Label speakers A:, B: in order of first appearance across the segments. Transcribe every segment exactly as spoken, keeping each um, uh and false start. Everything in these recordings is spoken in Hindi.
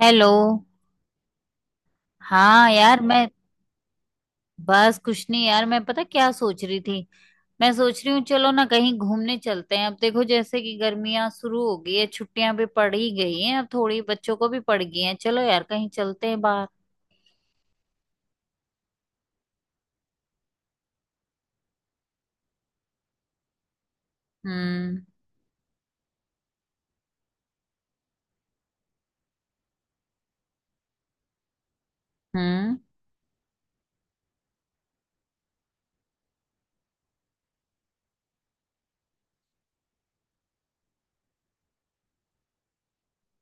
A: हेलो। हाँ यार मैं बस कुछ नहीं यार, मैं पता क्या सोच रही थी। मैं सोच रही हूँ चलो ना कहीं घूमने चलते हैं। अब देखो जैसे कि गर्मियाँ शुरू हो गई है, छुट्टियां भी पड़ ही गई हैं, अब थोड़ी बच्चों को भी पड़ गई हैं। चलो यार कहीं चलते हैं बाहर। हम्म। हम्म।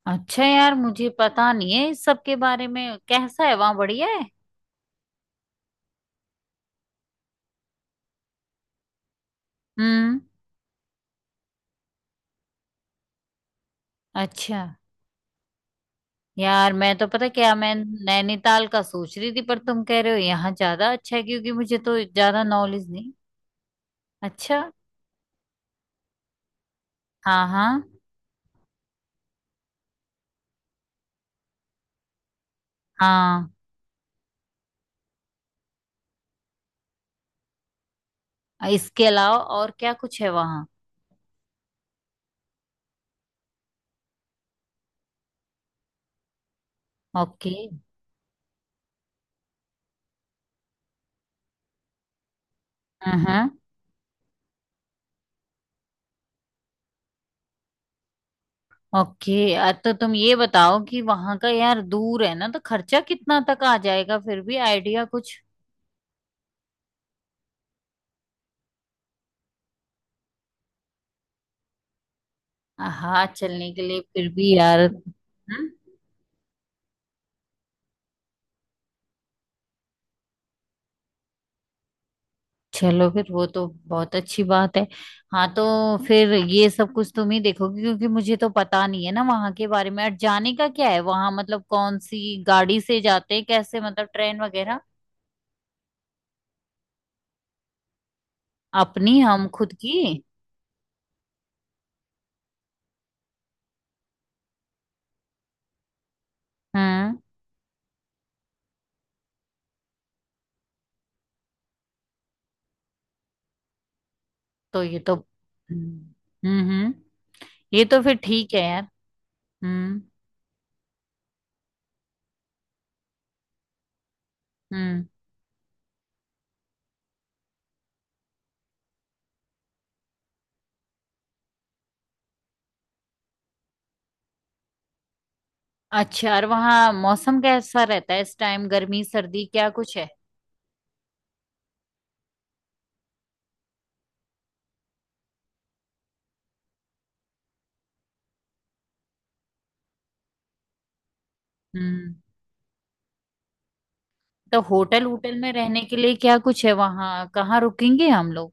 A: अच्छा यार मुझे पता नहीं है इस सब के बारे में, कैसा है वहाँ, बढ़िया है? हम्म। अच्छा यार, मैं तो पता क्या मैं नैनीताल का सोच रही थी, पर तुम कह रहे हो यहाँ ज्यादा अच्छा है, क्योंकि मुझे तो ज्यादा नॉलेज नहीं। अच्छा। हाँ हाँ। हाँ। इसके अलावा और क्या कुछ है वहाँ? ओके। हाँ। ओके। अ, तो तुम ये बताओ कि वहाँ का यार दूर है ना, तो खर्चा कितना तक आ जाएगा फिर भी आइडिया कुछ? हाँ चलने के लिए, फिर भी यार। हम्म? चलो फिर वो तो बहुत अच्छी बात है। हाँ तो फिर ये सब कुछ तुम ही देखोगे, क्योंकि मुझे तो पता नहीं है ना वहाँ के बारे में। और जाने का क्या है वहाँ, मतलब कौन सी गाड़ी से जाते हैं, कैसे, मतलब ट्रेन वगैरह? अपनी, हम खुद की? हम्म। तो ये तो हम्म हम्म। ये तो फिर ठीक है यार। हम्म। हम्म। अच्छा और वहाँ मौसम कैसा रहता है इस टाइम, गर्मी सर्दी क्या कुछ है? हम्म। तो होटल होटल में रहने के लिए क्या कुछ है वहाँ, कहाँ रुकेंगे हम लोग?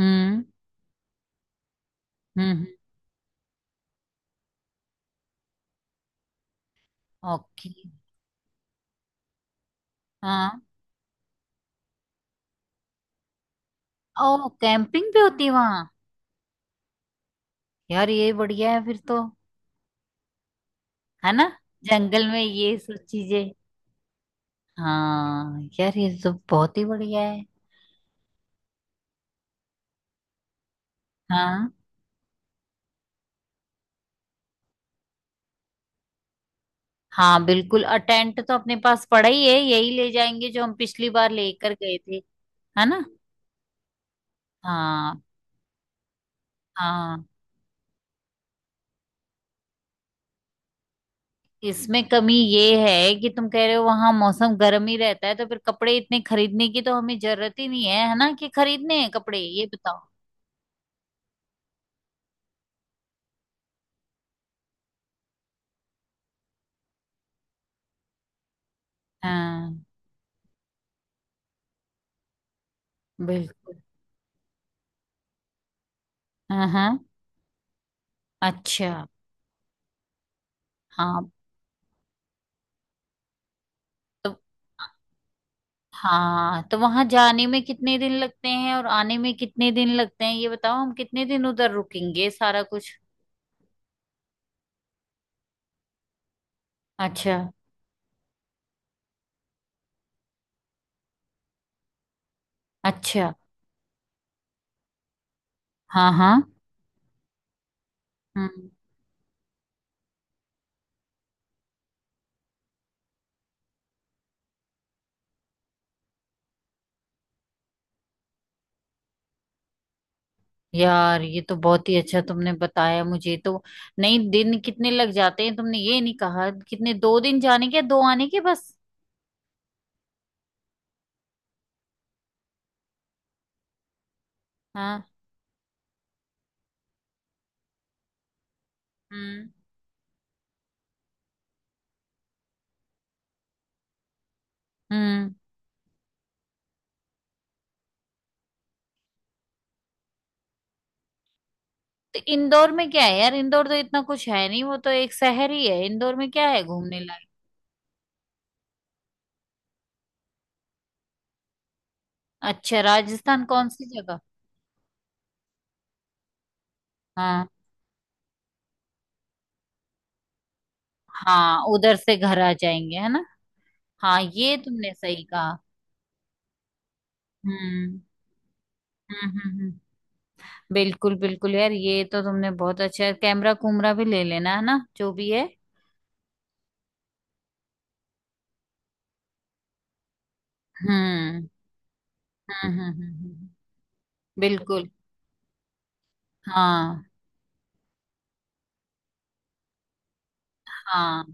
A: हम्म। हम्म। ओके। हाँ। ओ, कैंपिंग भी होती है वहाँ? यार ये बढ़िया है फिर तो। है ना? जंगल में ये सब चीजें। हाँ यार ये तो बहुत ही बढ़िया है। हाँ। हाँ बिल्कुल, और टेंट तो अपने पास पड़ा ही है, यही ले जाएंगे जो हम पिछली बार लेकर गए थे। है ना? हाँ। हाँ, इसमें कमी ये है कि तुम कह रहे हो वहां मौसम गर्म ही रहता है, तो फिर कपड़े इतने खरीदने की तो हमें जरूरत ही नहीं है, है ना? कि खरीदने हैं कपड़े, ये बताओ। हाँ। बिल्कुल। हाँ हाँ। अच्छा। हाँ। तो हाँ, तो वहां जाने में कितने दिन लगते हैं और आने में कितने दिन लगते हैं ये बताओ, हम कितने दिन उधर रुकेंगे, सारा कुछ? अच्छा। अच्छा। हाँ हाँ। हम्म। यार ये तो बहुत ही अच्छा तुमने बताया, मुझे तो नहीं। दिन कितने लग जाते हैं तुमने ये नहीं कहा, कितने, दो दिन जाने के, दो आने के, बस? हाँ। हम्म। हम्म। तो इंदौर में क्या है यार, इंदौर तो इतना कुछ है नहीं, वो तो एक शहर ही है, इंदौर में क्या है घूमने लायक? अच्छा, राजस्थान कौन सी जगह? हाँ। हाँ उधर से घर आ जाएंगे, है ना? हाँ ये तुमने सही कहा। हम्म हम्म हम्म हम्म। बिल्कुल बिल्कुल यार, ये तो तुमने बहुत अच्छा है, कैमरा कुमरा भी ले लेना है ना, जो भी है। हम्म हम्म हम्म हम्म, हम्म, बिल्कुल। हाँ हाँ।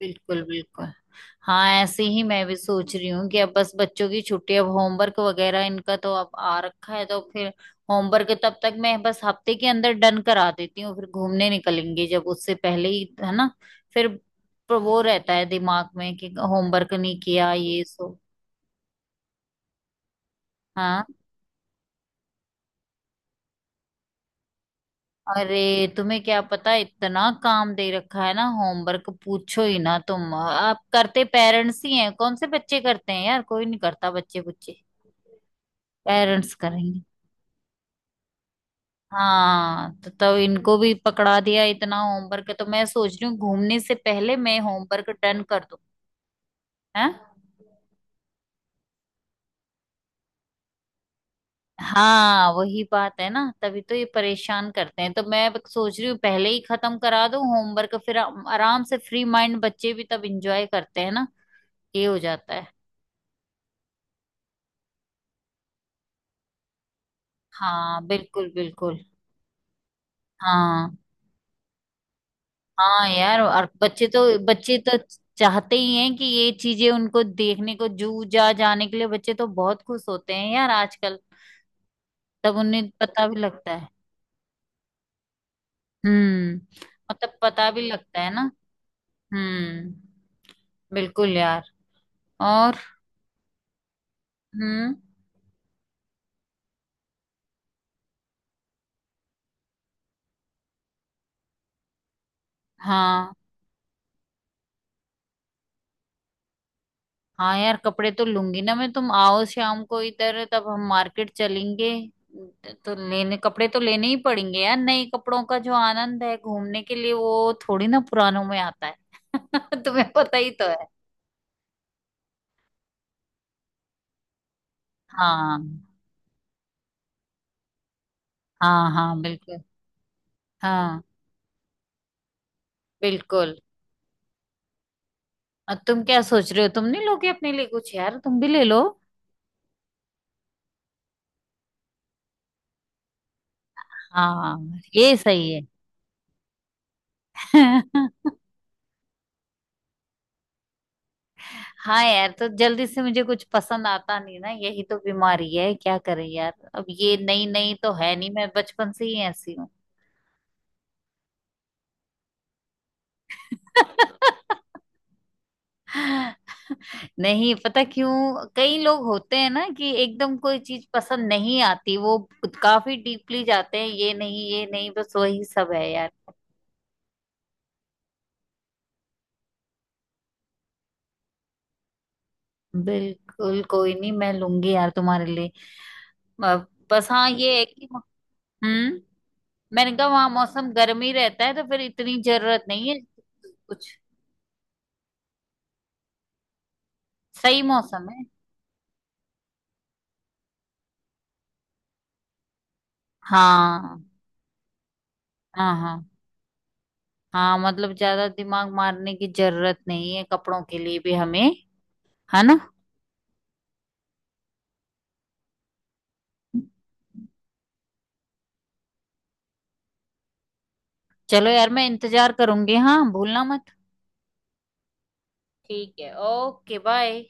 A: बिल्कुल बिल्कुल। हाँ ऐसे ही मैं भी सोच रही हूँ कि अब बस बच्चों की छुट्टी, अब होमवर्क वगैरह इनका तो अब आ रखा है, तो फिर होमवर्क तब तक मैं बस हफ्ते के अंदर डन करा देती हूँ, फिर घूमने निकलेंगे। जब उससे पहले ही, है ना, फिर वो रहता है दिमाग में कि होमवर्क नहीं किया ये सो। हाँ। अरे तुम्हें क्या पता, इतना काम दे रखा है ना होमवर्क, पूछो ही ना। तुम आप करते पेरेंट्स ही हैं, कौन से बच्चे करते हैं यार, कोई नहीं करता बच्चे बच्चे, पेरेंट्स करेंगे। हाँ तो तब इनको भी पकड़ा दिया इतना होमवर्क, तो मैं सोच रही हूँ घूमने से पहले मैं होमवर्क डन कर दूं। हैं? हाँ वही बात है ना, तभी तो ये परेशान करते हैं, तो मैं सोच रही हूँ पहले ही खत्म करा दूं होमवर्क, फिर आराम से फ्री माइंड, बच्चे भी तब एंजॉय करते हैं ना, ये हो जाता है। हाँ बिल्कुल बिल्कुल। हाँ हाँ यार, और बच्चे तो, बच्चे तो चाहते ही हैं कि ये चीजें उनको देखने को, जू जा जाने के लिए बच्चे तो बहुत खुश होते हैं यार आजकल, तब उन्हें पता भी लगता है। हम्म, मतलब पता भी लगता है ना। हम्म। बिल्कुल यार। और। हम्म। हाँ, हाँ यार कपड़े तो लूंगी ना मैं, तुम आओ शाम को इधर तब हम मार्केट चलेंगे। तो लेने, कपड़े तो लेने ही पड़ेंगे यार, नए कपड़ों का जो आनंद है घूमने के लिए वो थोड़ी ना पुरानों में आता है, तुम्हें पता ही तो है। हाँ। हाँ। हाँ बिल्कुल। हाँ बिल्कुल, और तुम क्या सोच रहे हो, तुम नहीं लोगे अपने लिए कुछ, यार तुम भी ले लो। हाँ ये सही है। हाँ यार तो जल्दी से मुझे कुछ पसंद आता नहीं ना, यही तो बीमारी है, क्या करें यार, अब ये नई नई तो है नहीं, मैं बचपन से ही ऐसी हूँ। नहीं पता क्यों, कई लोग होते हैं ना कि एकदम कोई चीज पसंद नहीं आती, वो काफी डीपली जाते हैं, ये नहीं ये नहीं, बस वही सब है यार। बिल्कुल, कोई नहीं मैं लूंगी यार तुम्हारे लिए। अ, बस हाँ ये है कि, हम्म, मैंने कहा वहां मौसम गर्म ही रहता है तो फिर इतनी जरूरत नहीं है कुछ, सही मौसम है। हाँ। हाँ। हाँ हाँ मतलब ज्यादा दिमाग मारने की जरूरत नहीं है कपड़ों के लिए भी हमें, है ना? चलो यार मैं इंतजार करूंगी, हाँ भूलना मत। ठीक है, ओके, बाय।